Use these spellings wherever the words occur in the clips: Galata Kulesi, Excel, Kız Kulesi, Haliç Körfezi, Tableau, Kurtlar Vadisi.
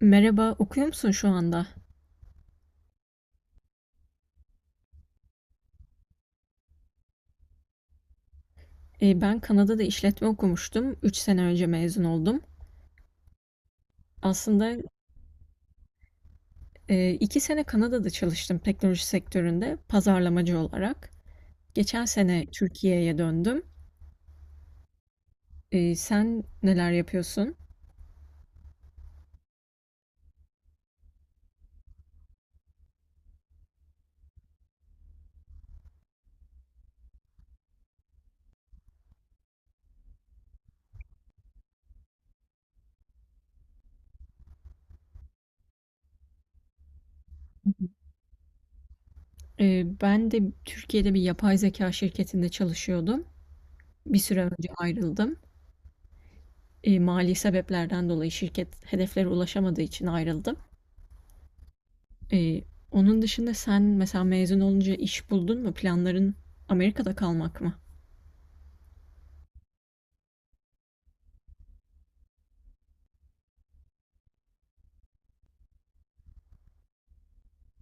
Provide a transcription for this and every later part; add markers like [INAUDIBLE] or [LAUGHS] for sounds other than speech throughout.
Merhaba, okuyor musun şu anda? Ben Kanada'da işletme okumuştum. Üç sene önce mezun oldum. Aslında iki sene Kanada'da çalıştım teknoloji sektöründe pazarlamacı olarak. Geçen sene Türkiye'ye döndüm. Sen neler yapıyorsun? Ben de Türkiye'de bir yapay zeka şirketinde çalışıyordum. Bir süre önce ayrıldım. Mali sebeplerden dolayı şirket hedeflere ulaşamadığı için ayrıldım. Eee, Onun dışında sen mesela mezun olunca iş buldun mu? Planların Amerika'da kalmak mı?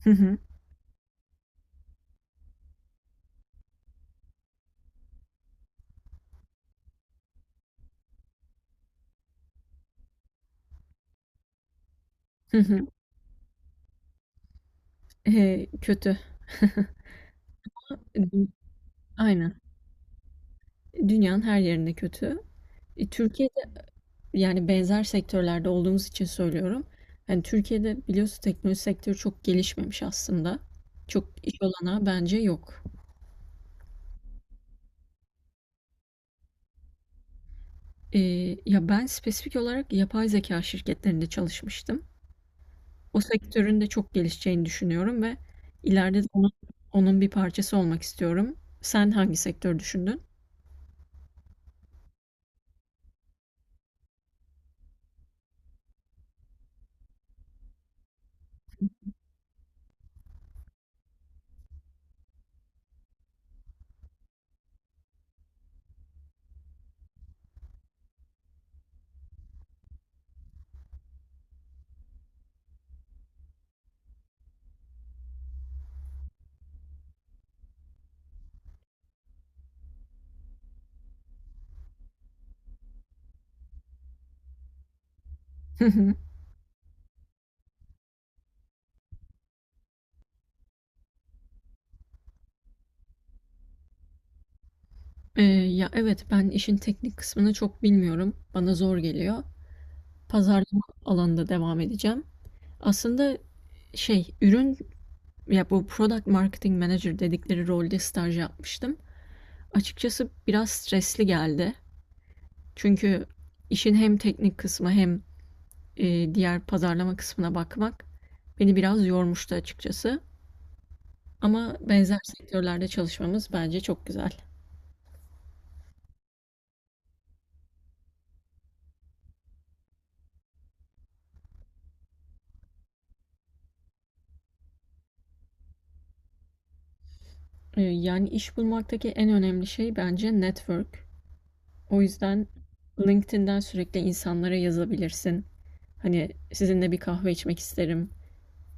Hı hı. Hı hı. Kötü. [LAUGHS] Dü- Aynen. Dünyanın her yerinde kötü. Türkiye'de yani benzer sektörlerde olduğumuz için söylüyorum. Yani Türkiye'de biliyorsun teknoloji sektörü çok gelişmemiş aslında. Çok iş olanağı bence yok. Ya ben spesifik olarak yapay zeka şirketlerinde çalışmıştım. O sektörün de çok gelişeceğini düşünüyorum ve ileride de onun bir parçası olmak istiyorum. Sen hangi sektör düşündün? [LAUGHS] Hı hı. Ya evet, ben işin teknik kısmını çok bilmiyorum. Bana zor geliyor. Pazarlama alanında devam edeceğim. Aslında şey ürün ya bu product marketing manager dedikleri rolde staj yapmıştım. Açıkçası biraz stresli geldi. Çünkü işin hem teknik kısmı hem diğer pazarlama kısmına bakmak beni biraz yormuştu açıkçası. Ama benzer sektörlerde çalışmamız bence çok güzel. Yani iş bulmaktaki en önemli şey bence network. O yüzden LinkedIn'den sürekli insanlara yazabilirsin. Hani sizinle bir kahve içmek isterim,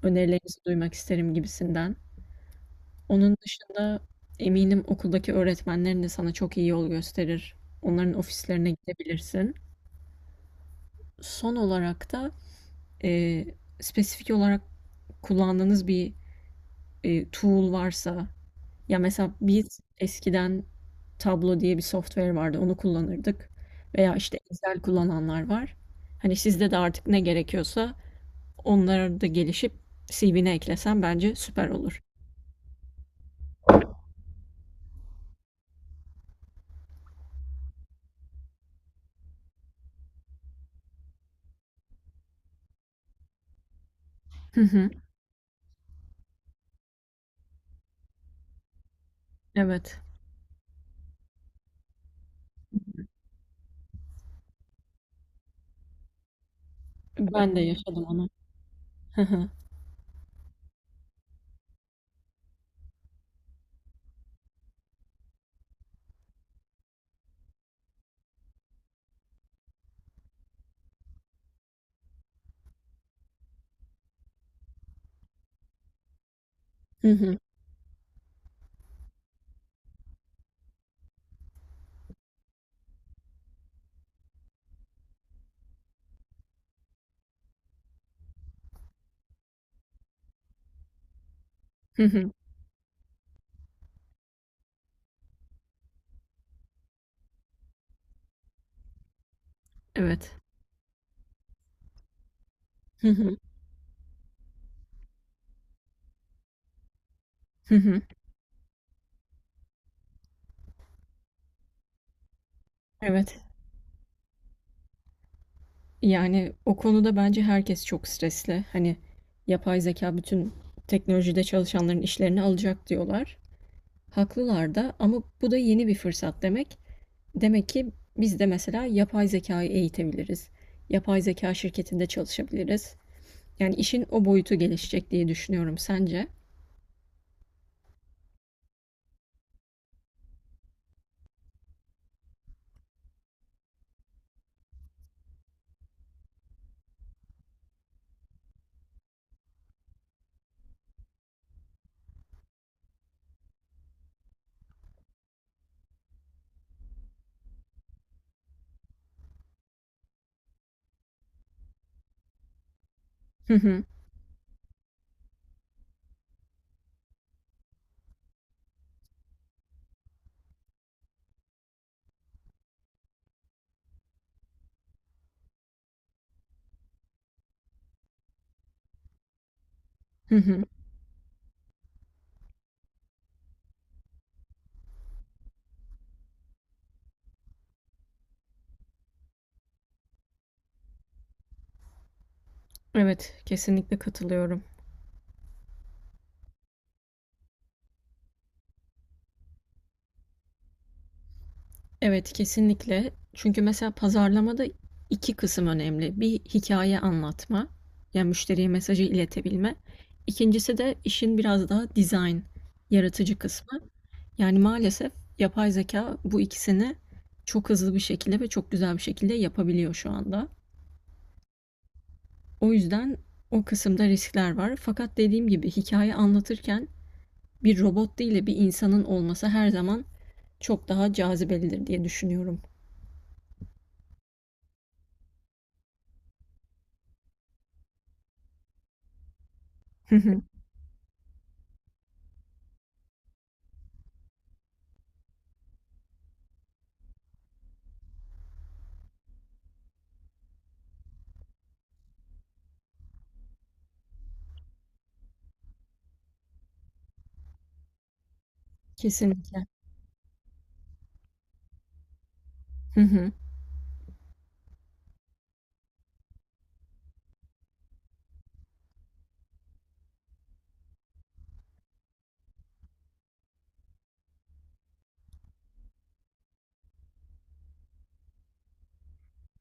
önerilerinizi duymak isterim gibisinden. Onun dışında eminim okuldaki öğretmenlerin de sana çok iyi yol gösterir. Onların ofislerine gidebilirsin. Son olarak da e, spesifik olarak kullandığınız bir tool varsa, ya mesela biz eskiden Tableau diye bir software vardı, onu kullanırdık veya işte Excel kullananlar var. Hani sizde de artık ne gerekiyorsa onlara da gelişip CV'ne eklesen bence süper olur. Hı hı. Evet. Ben de yaşadım onu. Hı hı. Hı hı. Hı hı. Evet. Hı hı. Hı hı. Evet. Yani o konuda bence herkes çok stresli. Hani yapay zeka bütün teknolojide çalışanların işlerini alacak diyorlar. Haklılar da ama bu da yeni bir fırsat demek. Demek ki biz de mesela yapay zekayı eğitebiliriz. Yapay zeka şirketinde çalışabiliriz. Yani işin o boyutu gelişecek diye düşünüyorum. Sence? Hı hı. Hı hı. Evet, kesinlikle katılıyorum. Evet, kesinlikle. Çünkü mesela pazarlamada iki kısım önemli. Bir, hikaye anlatma, yani müşteriye mesajı iletebilme. İkincisi de işin biraz daha dizayn, yaratıcı kısmı. Yani maalesef yapay zeka bu ikisini çok hızlı bir şekilde ve çok güzel bir şekilde yapabiliyor şu anda. O yüzden o kısımda riskler var. Fakat dediğim gibi hikaye anlatırken bir robot değil de bir insanın olması her zaman çok daha cazibelidir diye düşünüyorum. [LAUGHS] Kesinlikle. Hı hı.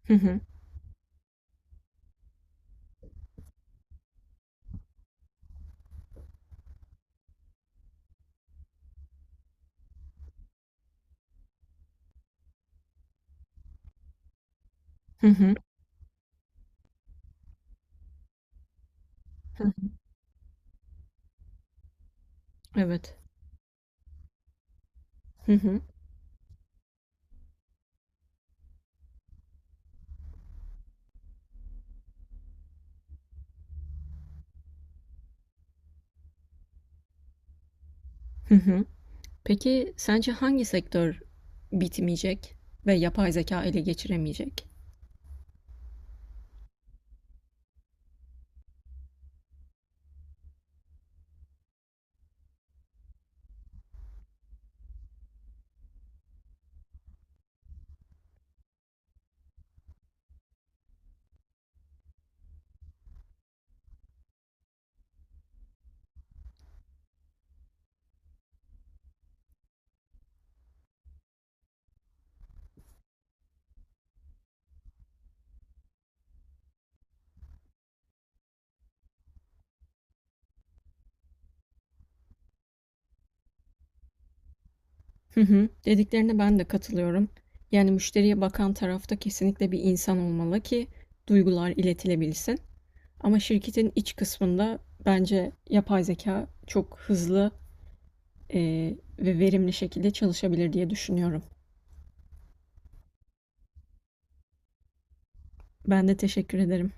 Hı hı. Hı hı. Hı. Evet. Hı hı. Hı hı. Peki sence hangi sektör bitmeyecek ve yapay zeka ele geçiremeyecek? Hı hı. Dediklerine ben de katılıyorum. Yani müşteriye bakan tarafta kesinlikle bir insan olmalı ki duygular iletilebilsin. Ama şirketin iç kısmında bence yapay zeka çok hızlı e, ve verimli şekilde çalışabilir diye düşünüyorum. Ben de teşekkür ederim.